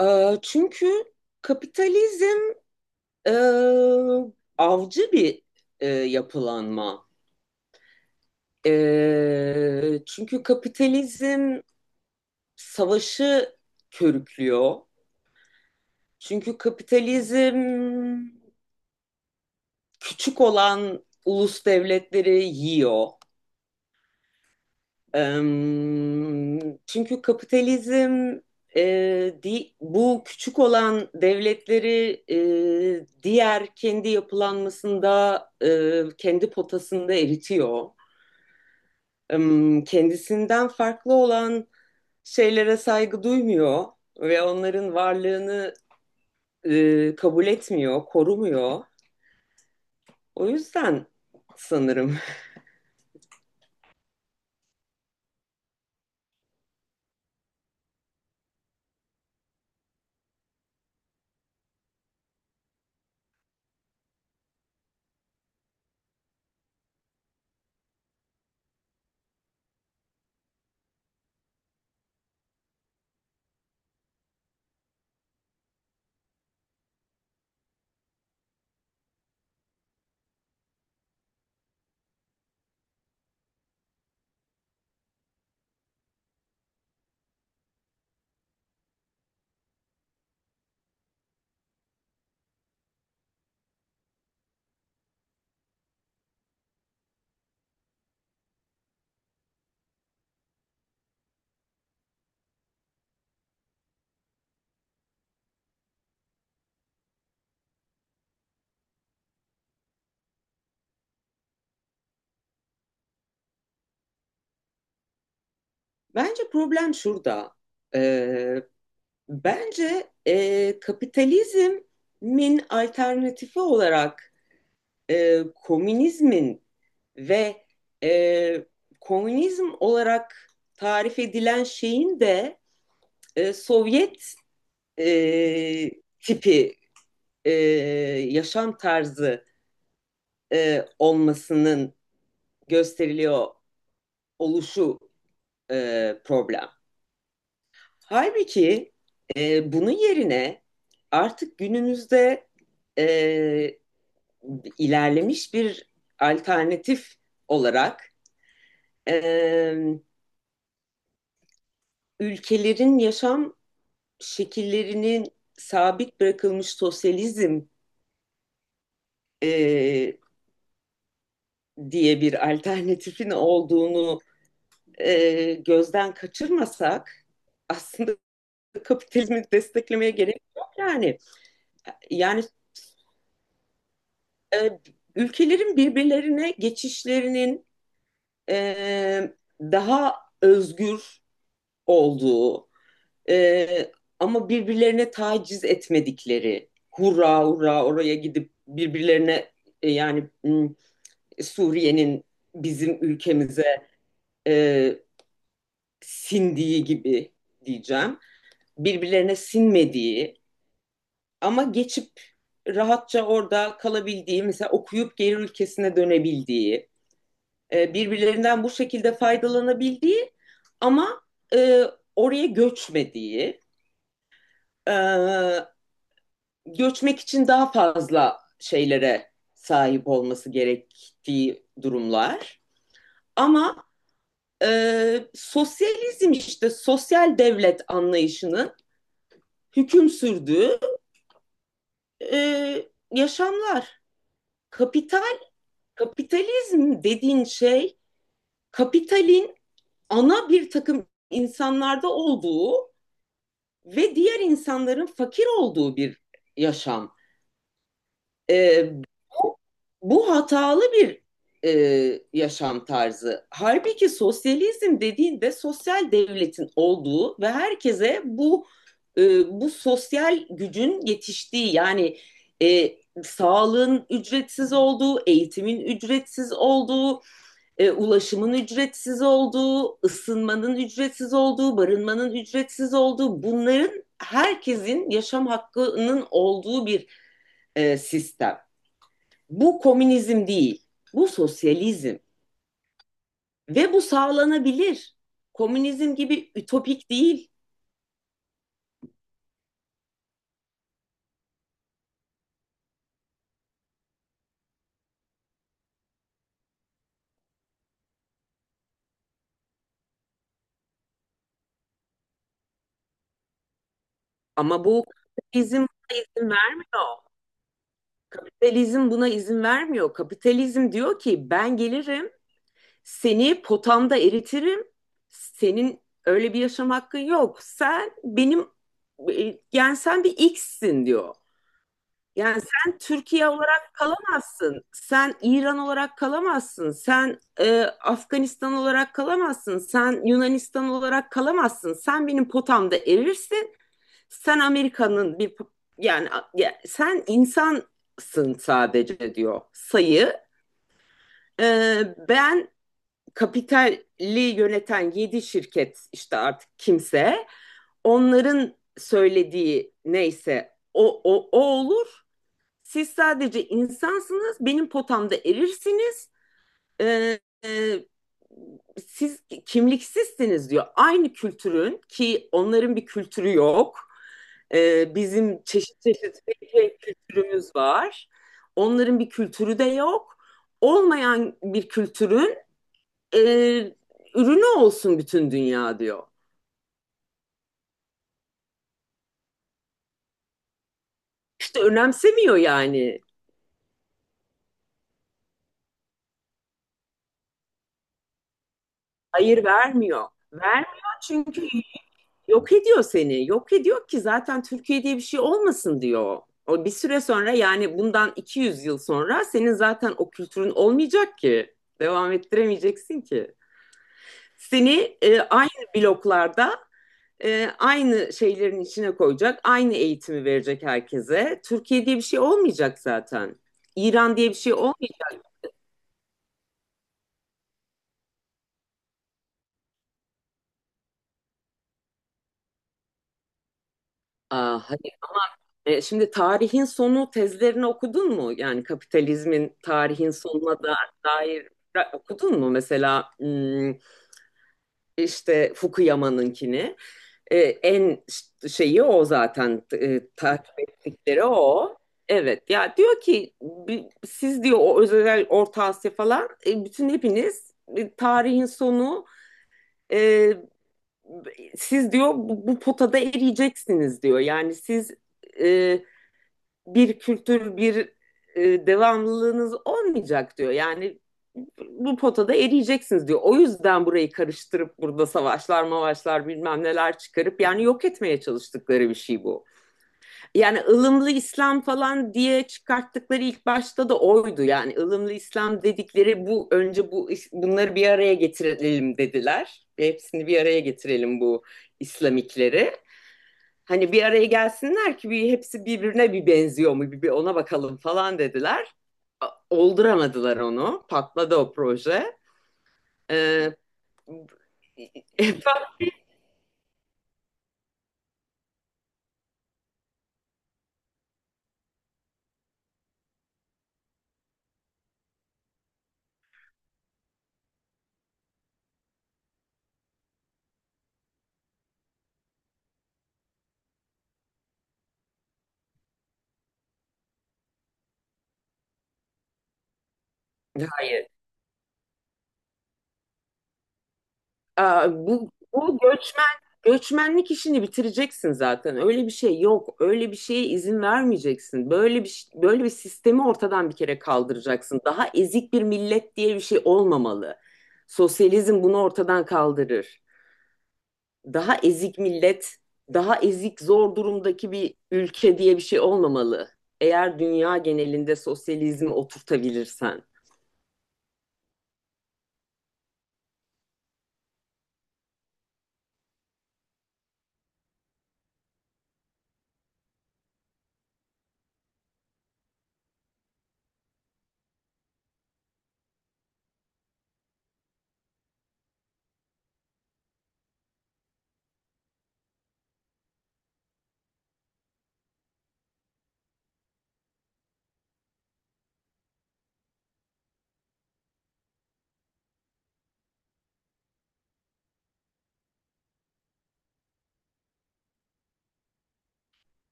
Çünkü kapitalizm e, avcı bir yapılanma. Çünkü kapitalizm savaşı körüklüyor. Çünkü kapitalizm küçük olan ulus devletleri yiyor. Çünkü kapitalizm bu küçük olan devletleri diğer kendi yapılanmasında, kendi potasında eritiyor. Kendisinden farklı olan şeylere saygı duymuyor ve onların varlığını kabul etmiyor, korumuyor. O yüzden sanırım. Bence problem şurada. E, Bence kapitalizmin alternatifi olarak komünizmin ve e, komünizm olarak tarif edilen şeyin de Sovyet e, tipi e, yaşam tarzı olmasının gösteriliyor oluşu problem. Halbuki bunun yerine artık günümüzde e, ilerlemiş bir alternatif olarak e, ülkelerin yaşam şekillerinin sabit bırakılmış sosyalizm e, diye bir alternatifin olduğunu gözden kaçırmasak aslında kapitalizmi desteklemeye gerek yok yani. Yani e, ülkelerin birbirlerine geçişlerinin e, daha özgür olduğu, Ee, ama birbirlerine taciz etmedikleri, hurra hurra oraya gidip birbirlerine yani Suriye'nin bizim ülkemize e, sindiği gibi diyeceğim. Birbirlerine sinmediği ama geçip rahatça orada kalabildiği, mesela okuyup geri ülkesine dönebildiği, birbirlerinden bu şekilde faydalanabildiği ama e, oraya göçmediği, e, göçmek için daha fazla şeylere sahip olması gerektiği durumlar. Ama e, sosyalizm işte sosyal devlet anlayışının hüküm sürdüğü e, yaşamlar. Kapital, kapitalizm dediğin şey kapitalin ana bir takım insanlarda olduğu ve diğer insanların fakir olduğu bir yaşam. E, bu, bu hatalı bir e, yaşam tarzı. Halbuki sosyalizm dediğinde sosyal devletin olduğu ve herkese bu bu sosyal gücün yetiştiği yani e, sağlığın ücretsiz olduğu, eğitimin ücretsiz olduğu, ulaşımın ücretsiz olduğu, ısınmanın ücretsiz olduğu, barınmanın ücretsiz olduğu bunların herkesin yaşam hakkının olduğu bir sistem. Bu komünizm değil. Bu sosyalizm ve bu sağlanabilir. Komünizm gibi ütopik değil. Ama bu kapitalizm buna izin vermiyor. Kapitalizm buna izin vermiyor. Kapitalizm diyor ki ben gelirim, seni potamda eritirim. Senin öyle bir yaşam hakkın yok. Sen benim yani sen bir X'sin diyor. Yani sen Türkiye olarak kalamazsın, sen İran olarak kalamazsın, sen Afganistan olarak kalamazsın, sen Yunanistan olarak kalamazsın. Sen benim potamda erirsin, sen Amerika'nın bir yani sen insansın sadece diyor sayı. E, ben kapitali yöneten yedi şirket işte artık kimse onların söylediği neyse o olur. Siz sadece insansınız, benim potamda erirsiniz. Ee, e, siz kimliksizsiniz diyor. Aynı kültürün ki onların bir kültürü yok. Bizim çeşit çeşit pek kültürümüz var. Onların bir kültürü de yok. Olmayan bir kültürün e, ürünü olsun bütün dünya diyor. İşte önemsemiyor yani. Hayır, vermiyor. Vermiyor çünkü yok ediyor seni. Yok ediyor ki zaten Türkiye diye bir şey olmasın diyor. O bir süre sonra yani bundan 200 yıl sonra senin zaten o kültürün olmayacak ki. Devam ettiremeyeceksin ki. Seni aynı bloklarda aynı şeylerin içine koyacak, aynı eğitimi verecek herkese. Türkiye diye bir şey olmayacak zaten. İran diye bir şey olmayacak. Aa, şimdi tarihin sonu tezlerini okudun mu? Yani kapitalizmin tarihin sonuna da dair okudun mu? Mesela hmm, işte Fukuyama'nınkini. Şeyi o zaten takip ettikleri o. Evet ya, diyor ki siz diyor o özel Orta Asya falan bütün hepiniz tarihin sonu e, siz diyor bu potada eriyeceksiniz diyor. Yani siz e, bir kültür, bir devamlılığınız olmayacak diyor. Yani bu potada eriyeceksiniz diyor. O yüzden burayı karıştırıp burada savaşlar, mavaşlar bilmem neler çıkarıp yani yok etmeye çalıştıkları bir şey bu. Yani ılımlı İslam falan diye çıkarttıkları ilk başta da oydu. Yani ılımlı İslam dedikleri bu önce bu bunları bir araya getirelim dediler. Hepsini bir araya getirelim bu İslamikleri. Hani bir araya gelsinler ki bir hepsi birbirine bir benziyor mu bir ona bakalım falan dediler. Olduramadılar onu. Patladı o proje. Ee, hayır. Bu göçmen göçmenlik işini bitireceksin zaten. Öyle bir şey yok. Öyle bir şeye izin vermeyeceksin. Böyle bir sistemi ortadan bir kere kaldıracaksın. Daha ezik bir millet diye bir şey olmamalı. Sosyalizm bunu ortadan kaldırır. Daha ezik millet, daha ezik zor durumdaki bir ülke diye bir şey olmamalı. Eğer dünya genelinde sosyalizmi oturtabilirsen.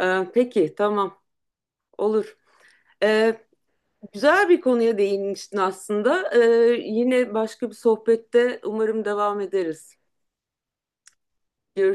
Peki, tamam, olur. Ee, güzel bir konuya değinmiştin aslında. Yine başka bir sohbette umarım devam ederiz. Görüşürüz.